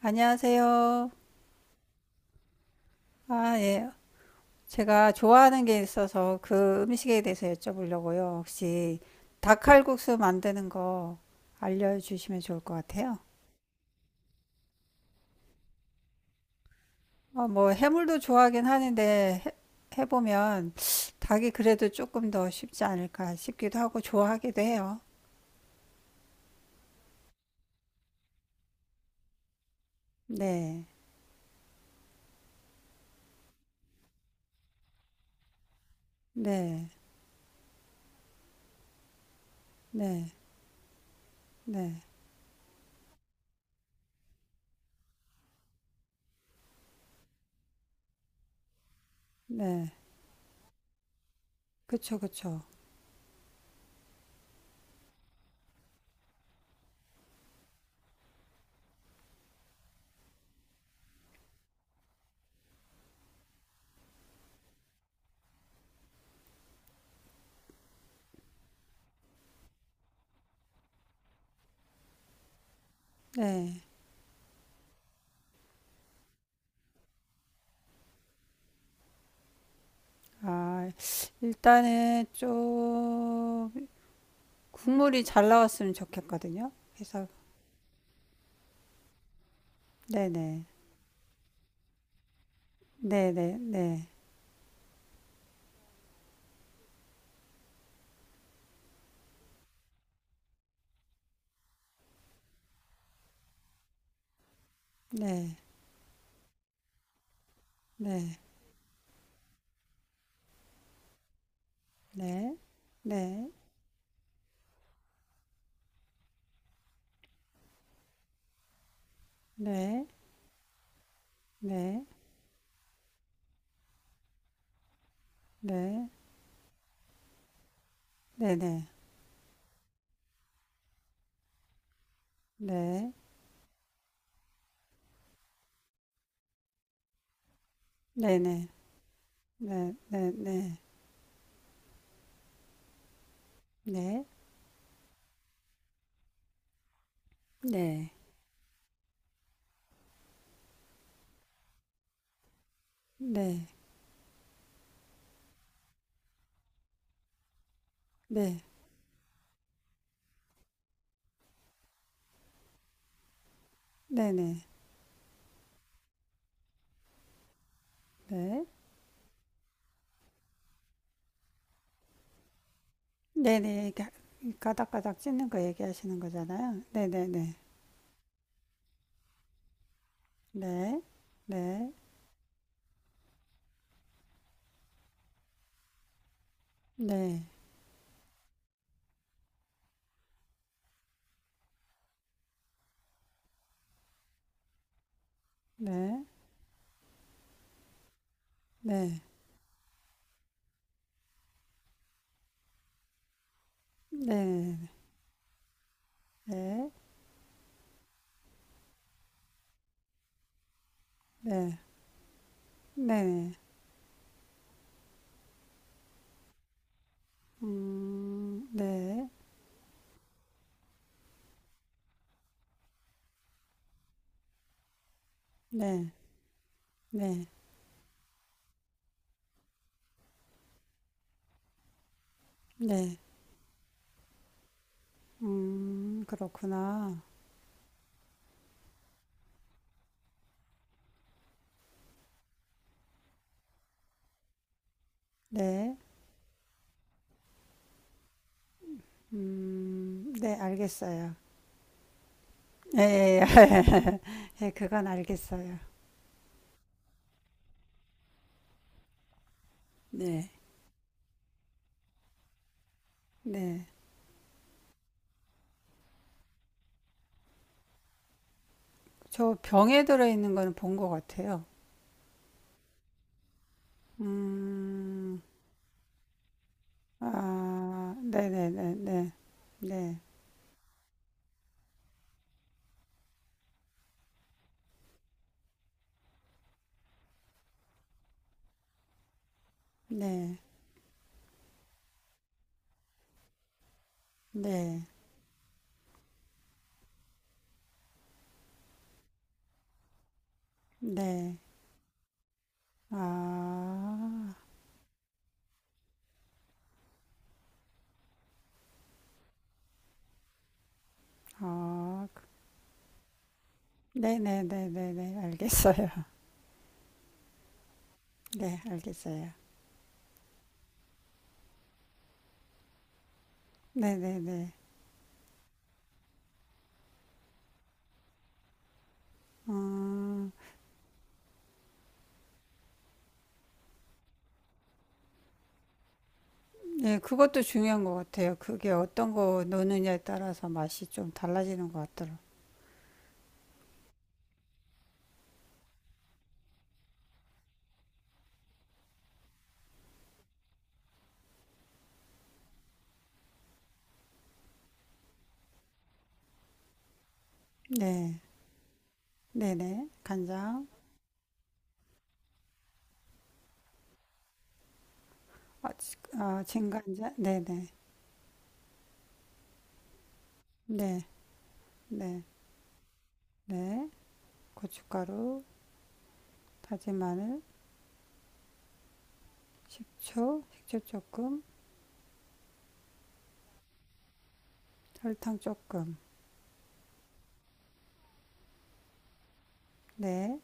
안녕하세요. 아, 예. 제가 좋아하는 게 있어서 그 음식에 대해서 여쭤보려고요. 혹시 닭칼국수 만드는 거 알려주시면 좋을 것 같아요. 어, 뭐 해물도 좋아하긴 하는데 해보면 닭이 그래도 조금 더 쉽지 않을까 싶기도 하고 좋아하기도 해요. 네, 네, 네, 네, 네. 그쵸, 그쵸. 네. 아, 일단은 좀 국물이 잘 나왔으면 좋겠거든요. 그래서 네네 네네 네네네네네네네네 네네 네 네네 네네네 네네네네네네 네네, 이렇게 가닥가닥 찢는 거 얘기하시는 거잖아요. 네네네 네네네네네네네네 네, 네, 네, 네, 네, 네, 네, 네, 네, 네. 네, 네, 네, 네. 그렇구나. 네, 네, 알겠어요. 예, 예, 예, 그건 알겠어요. 네, 네. 저 병에 들어있는 거는 본 것 같아요. 음, 아, 네네네네. 네, 네, 네, 네. 네, 네, 네. 아, 아, 네네네네네. 알겠어요. 네, 알겠어요. 네네네. 어, 네, 그것도 중요한 것 같아요. 그게 어떤 거 넣느냐에 따라서 맛이 좀 달라지는 것 같더라고요. 네, 네네. 간장, 아, 아, 진간장, 네네. 네, 네, 네. 고춧가루, 다진 마늘, 식초, 식초 조금, 설탕 조금. 네.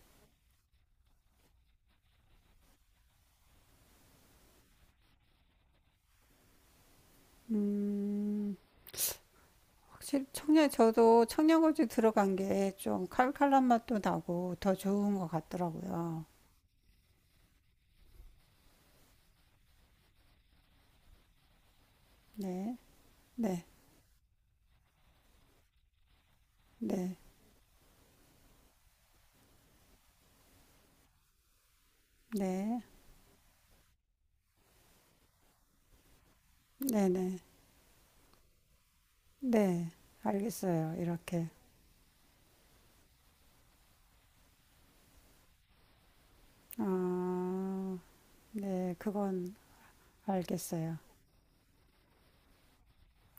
음, 확실히 청양, 저도 청양고추 들어간 게 좀 칼칼한 맛도 나고 더 좋은 것 같더라고요. 네, 네, 네. 네, 네네, 네, 알겠어요. 이렇게. 아, 네, 그건 알겠어요.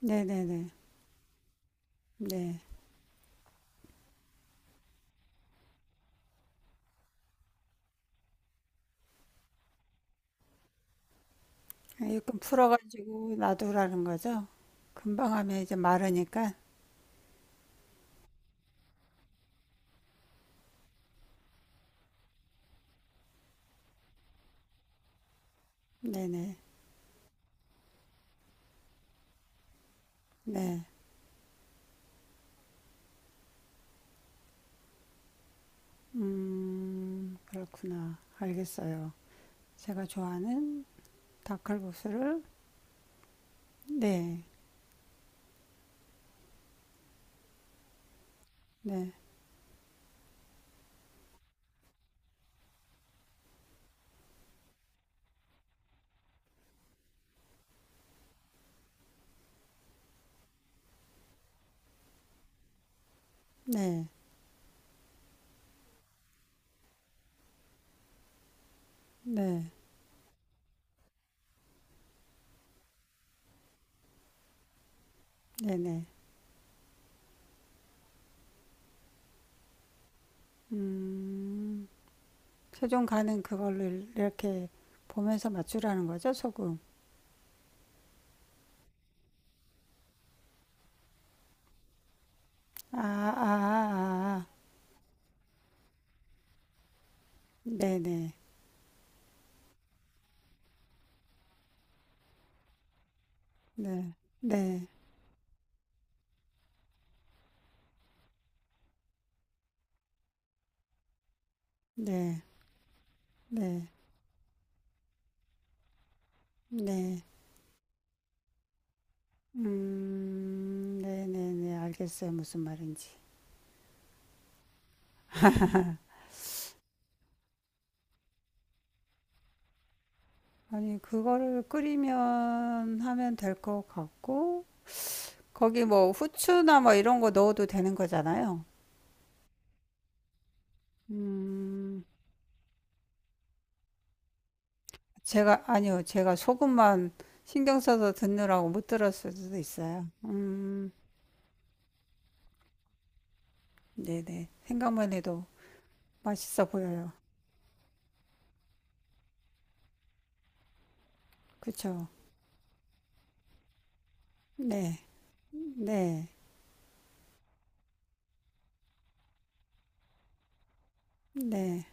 네네네, 네. 이건 풀어가지고 놔두라는 거죠? 금방 하면 이제 마르니까. 네네, 네. 그렇구나. 알겠어요. 제가 좋아하는 닭칼국수를, 네, 네, 네, 네, 네네. 음, 최종 가는 그걸로 이렇게 보면서 맞추라는 거죠, 소금. 아, 아, 아, 아. 네네. 네. 네. 네. 네. 네. 네. 네. 네네네. 알겠어요. 무슨 말인지. 아니, 그거를 끓이면 하면 될 것 같고, 거기 뭐 후추나 뭐 이런 거 넣어도 되는 거잖아요. 음, 제가, 아니요. 제가 소금만 신경 써서 듣느라고 못 들었을 수도 있어요. 음. 네네. 생각만 해도 맛있어 보여요. 그쵸? 네. 네. 네.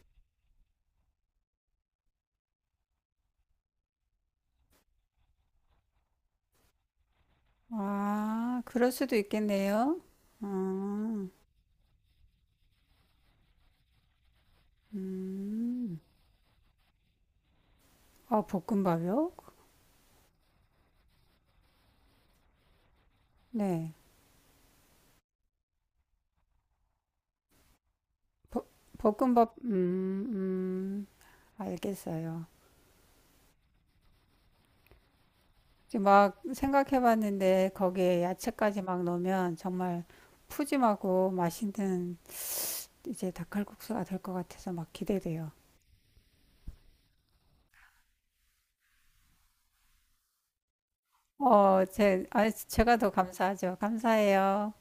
아, 그럴 수도 있겠네요. 아, 음. 아, 볶음밥이요? 네. 버- 볶음밥, 알겠어요. 지금 막 생각해 봤는데 거기에 야채까지 막 넣으면 정말 푸짐하고 맛있는 이제 닭칼국수가 될 것 같아서 막 기대돼요. 어, 제가 더 감사하죠. 감사해요.